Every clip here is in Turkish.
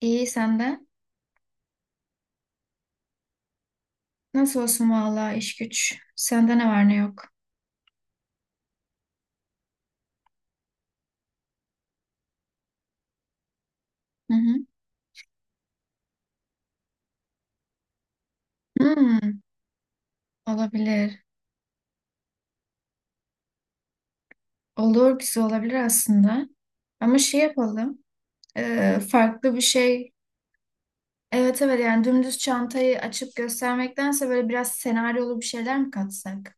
İyi senden. Nasıl olsun vallahi iş güç. Sende ne var ne yok. Hı hı. Hmm, olabilir. Olur güzel olabilir aslında. Ama şey yapalım. Farklı bir şey. Evet, yani dümdüz çantayı açıp göstermektense böyle biraz senaryolu bir şeyler mi katsak?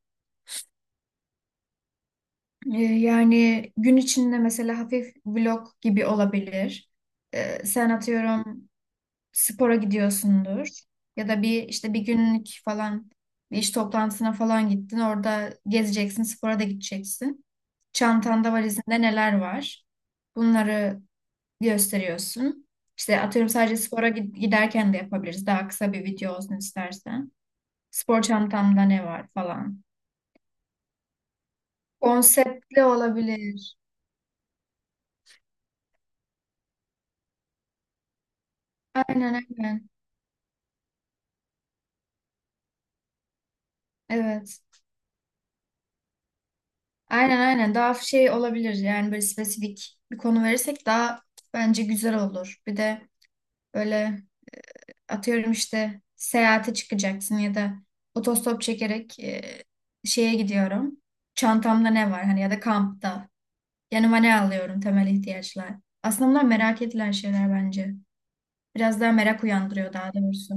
Yani gün içinde mesela hafif vlog gibi olabilir. Sen atıyorum spora gidiyorsundur ya da bir işte bir günlük falan bir iş toplantısına falan gittin. Orada gezeceksin, spora da gideceksin. Çantanda valizinde neler var? Bunları gösteriyorsun. İşte atıyorum giderken de yapabiliriz. Daha kısa bir video olsun istersen. Spor çantamda ne var falan. Konseptli olabilir. Aynen aynen. Evet. Aynen aynen. Daha şey olabilir yani böyle spesifik bir konu verirsek daha bence güzel olur. Bir de böyle atıyorum işte seyahate çıkacaksın ya da otostop çekerek şeye gidiyorum. Çantamda ne var hani ya da kampta. Yanıma ne alıyorum, temel ihtiyaçlar. Aslında bunlar merak edilen şeyler bence. Biraz daha merak uyandırıyor, daha doğrusu.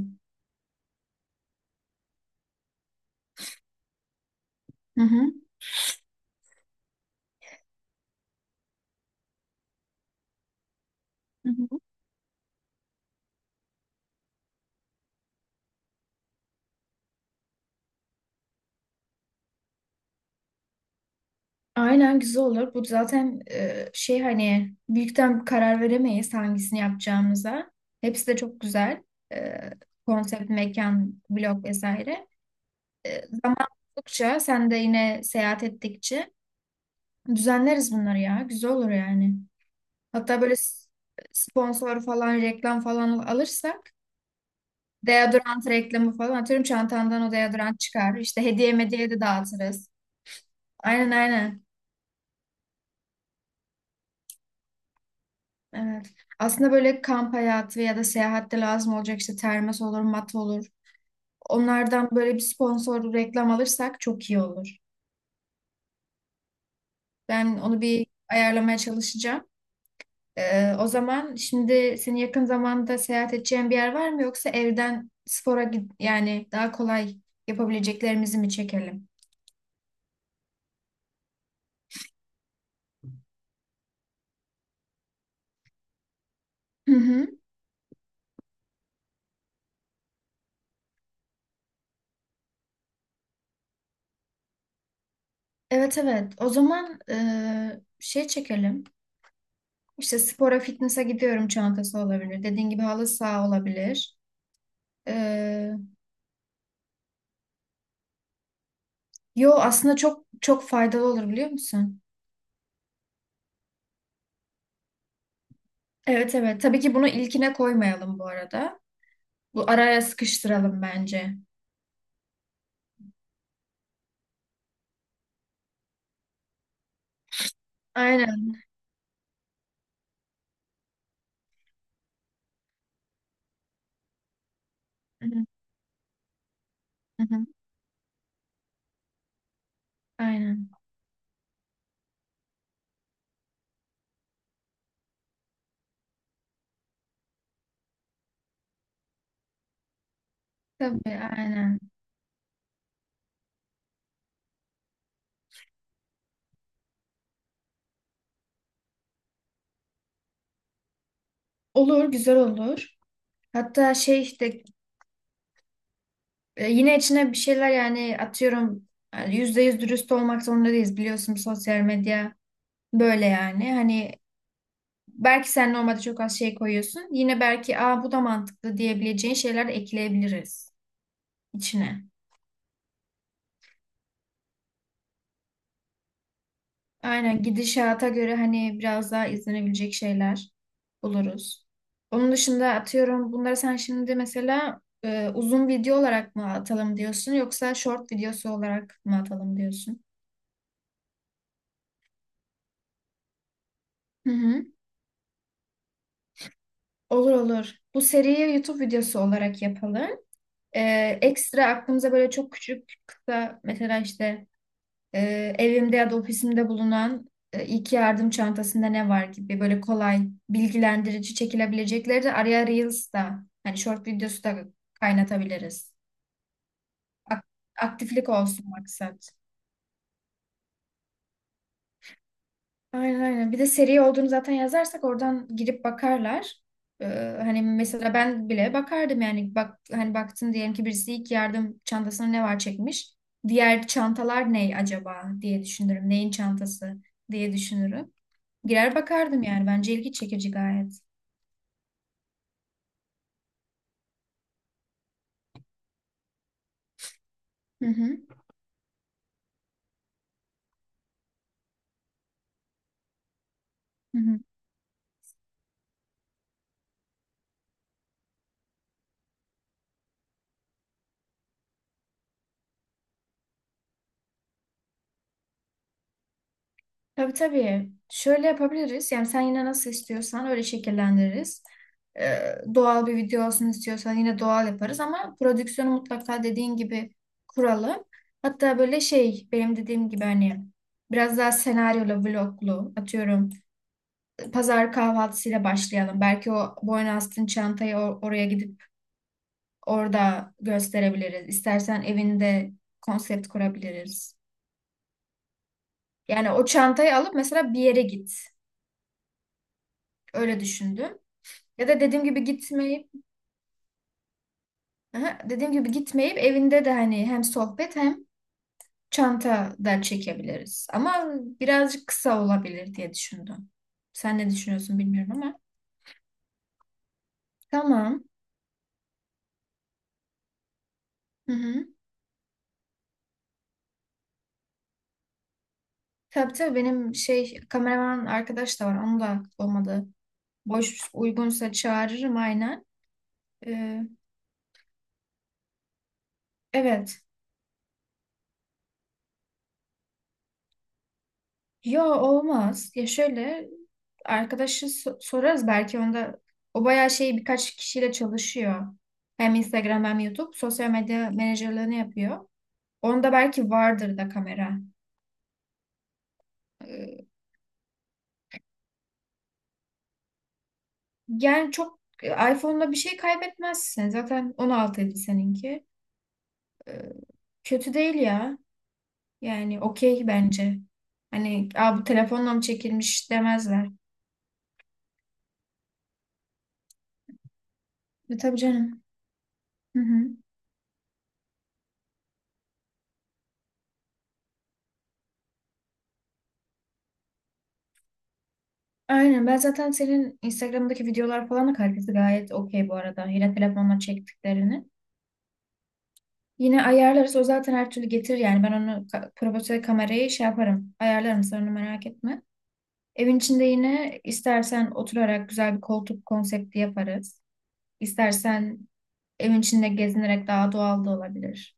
Hı hı. Hı hı. Aynen, güzel olur. Bu zaten şey, hani büyükten bir karar veremeyiz hangisini yapacağımıza. Hepsi de çok güzel. E, Konsept, mekan, blog vesaire. Zaman buldukça sen de yine seyahat ettikçe düzenleriz bunları ya. Güzel olur yani. Hatta sponsor falan reklam falan alırsak deodorant reklamı falan, atıyorum, çantandan o deodorant çıkar. İşte hediye medyaya de dağıtırız. Aynen aynen. Evet. Aslında böyle kamp hayatı ya da seyahatte lazım olacak işte termos olur, mat olur. Onlardan böyle bir sponsor reklam alırsak çok iyi olur. Ben onu bir ayarlamaya çalışacağım. O zaman şimdi senin yakın zamanda seyahat edeceğin bir yer var mı, yoksa yani daha kolay yapabileceklerimizi mi çekelim? Hı hı. Evet. O zaman şey çekelim. İşte spora, fitness'a gidiyorum çantası olabilir. Dediğin gibi halı saha olabilir. Ee, Yo, aslında çok çok faydalı olur, biliyor musun? Evet evet. Tabii ki bunu ilkine koymayalım bu arada. Bu araya sıkıştıralım bence. Aynen. Hı hı. Hı hı. Aynen. Tabii aynen. Olur, güzel olur. Hatta şey, işte yine içine bir şeyler, yani atıyorum, yani yüzde yüz dürüst olmak zorunda değiliz, biliyorsun sosyal medya böyle yani. Hani belki sen normalde çok az şey koyuyorsun. Yine belki, aa bu da mantıklı diyebileceğin şeyler de ekleyebiliriz içine. Aynen, gidişata göre hani biraz daha izlenebilecek şeyler buluruz. Onun dışında atıyorum bunları sen şimdi mesela uzun video olarak mı atalım diyorsun, yoksa short videosu olarak mı atalım diyorsun? Hı hı. Olur olur. Bu seriye YouTube videosu olarak yapalım. Ekstra aklımıza böyle çok küçük kısa, mesela işte evimde ya da ofisimde bulunan ilk yardım çantasında ne var gibi, böyle kolay bilgilendirici çekilebilecekleri de araya Reels da hani short videosu da kaynatabiliriz. Ak- Aktiflik olsun maksat. Aynen aynen. Bir de seri olduğunu zaten yazarsak oradan girip bakarlar. Ee, Hani mesela ben bile bakardım yani. Bak, hani baktın diyelim ki birisi ilk yardım çantasına ne var çekmiş. Diğer çantalar ne acaba diye düşünürüm. Neyin çantası diye düşünürüm. Girer bakardım yani. Bence ilgi çekici gayet. Hı hı. Hı hı. Tabii tabii. Şöyle yapabiliriz. Yani sen yine nasıl istiyorsan öyle şekillendiririz. Doğal bir video olsun istiyorsan yine doğal yaparız, ama prodüksiyonu mutlaka dediğin gibi kuralım. Hatta böyle şey, benim dediğim gibi hani biraz daha senaryolu, vloglu atıyorum. Pazar kahvaltısıyla başlayalım. Belki o boyna oraya gidip orada gösterebiliriz. İstersen evinde konsept kurabiliriz. Yani o çantayı alıp mesela bir yere git. Öyle düşündüm. Ya da dediğim gibi gitmeyip, aha, dediğim gibi gitmeyip evinde de hani hem sohbet hem çanta da çekebiliriz. Ama birazcık kısa olabilir diye düşündüm. Sen ne düşünüyorsun bilmiyorum ama. Tamam. Hı hı. Tabii tabii, benim şey kameraman arkadaş da var. Onu da olmadı. Boş uygunsa çağırırım aynen. Ee, evet. Yo, olmaz. Ya şöyle, sorarız, belki onda, o bayağı şey, birkaç kişiyle çalışıyor. Hem Instagram hem YouTube sosyal medya menajerliğini yapıyor. Onda belki vardır da kamera. Ee, Yani çok iPhone'da bir şey kaybetmezsin. Zaten 16 idi seninki. Ee, Kötü değil ya. Yani okey bence. Hani, aa, bu telefonla mı çekilmiş demezler. E, tabii canım. Hı hı. Aynen. Ben zaten senin Instagram'daki videolar falan da kalitesi gayet okey bu arada. Yine telefonla çektiklerini. Yine ayarlarız. O zaten her türlü getirir yani. Ben profesyonel kamerayı şey yaparım. Ayarlarım. Sen onu merak etme. Evin içinde yine istersen oturarak güzel bir koltuk konsepti yaparız. İstersen evin içinde gezinerek daha doğal da olabilir.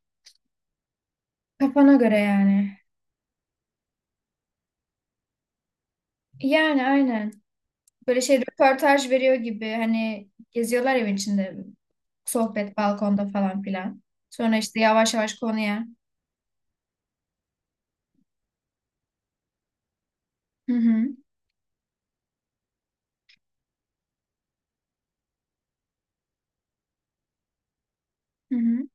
Kafana göre yani. Yani aynen. Böyle şey, röportaj veriyor gibi hani geziyorlar evin içinde, sohbet balkonda falan filan. Sonra işte yavaş yavaş konuya. Hı hı. Hı hı.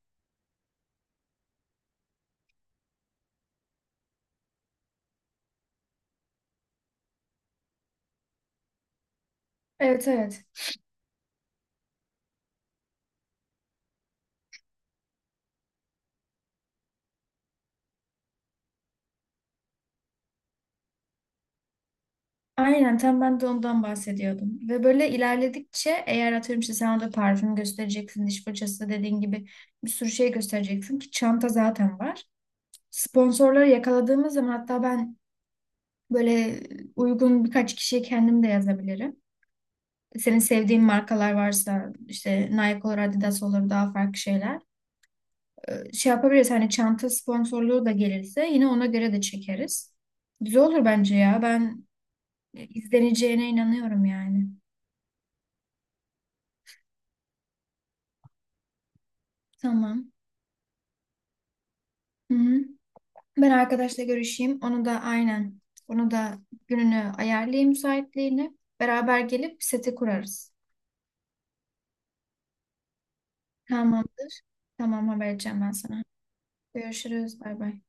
Evet evet. Aynen, tam ben de ondan bahsediyordum. Ve böyle ilerledikçe eğer atıyorum işte sen orada parfüm göstereceksin, diş fırçası dediğin gibi bir sürü şey göstereceksin ki çanta zaten var. Sponsorları yakaladığımız zaman hatta ben böyle uygun birkaç kişiye kendim de yazabilirim. Senin sevdiğin markalar varsa işte Nike olur, Adidas olur, daha farklı şeyler. Şey yapabiliriz, hani çanta sponsorluğu da gelirse yine ona göre de çekeriz. Güzel olur bence ya. Ben izleneceğine inanıyorum yani. Tamam. Hı-hı. Ben arkadaşla görüşeyim. Onu da aynen. Onu da gününü ayarlayayım, müsaitliğini. Beraber gelip seti kurarız. Tamamdır. Tamam, haber edeceğim ben sana. Görüşürüz. Bay bay.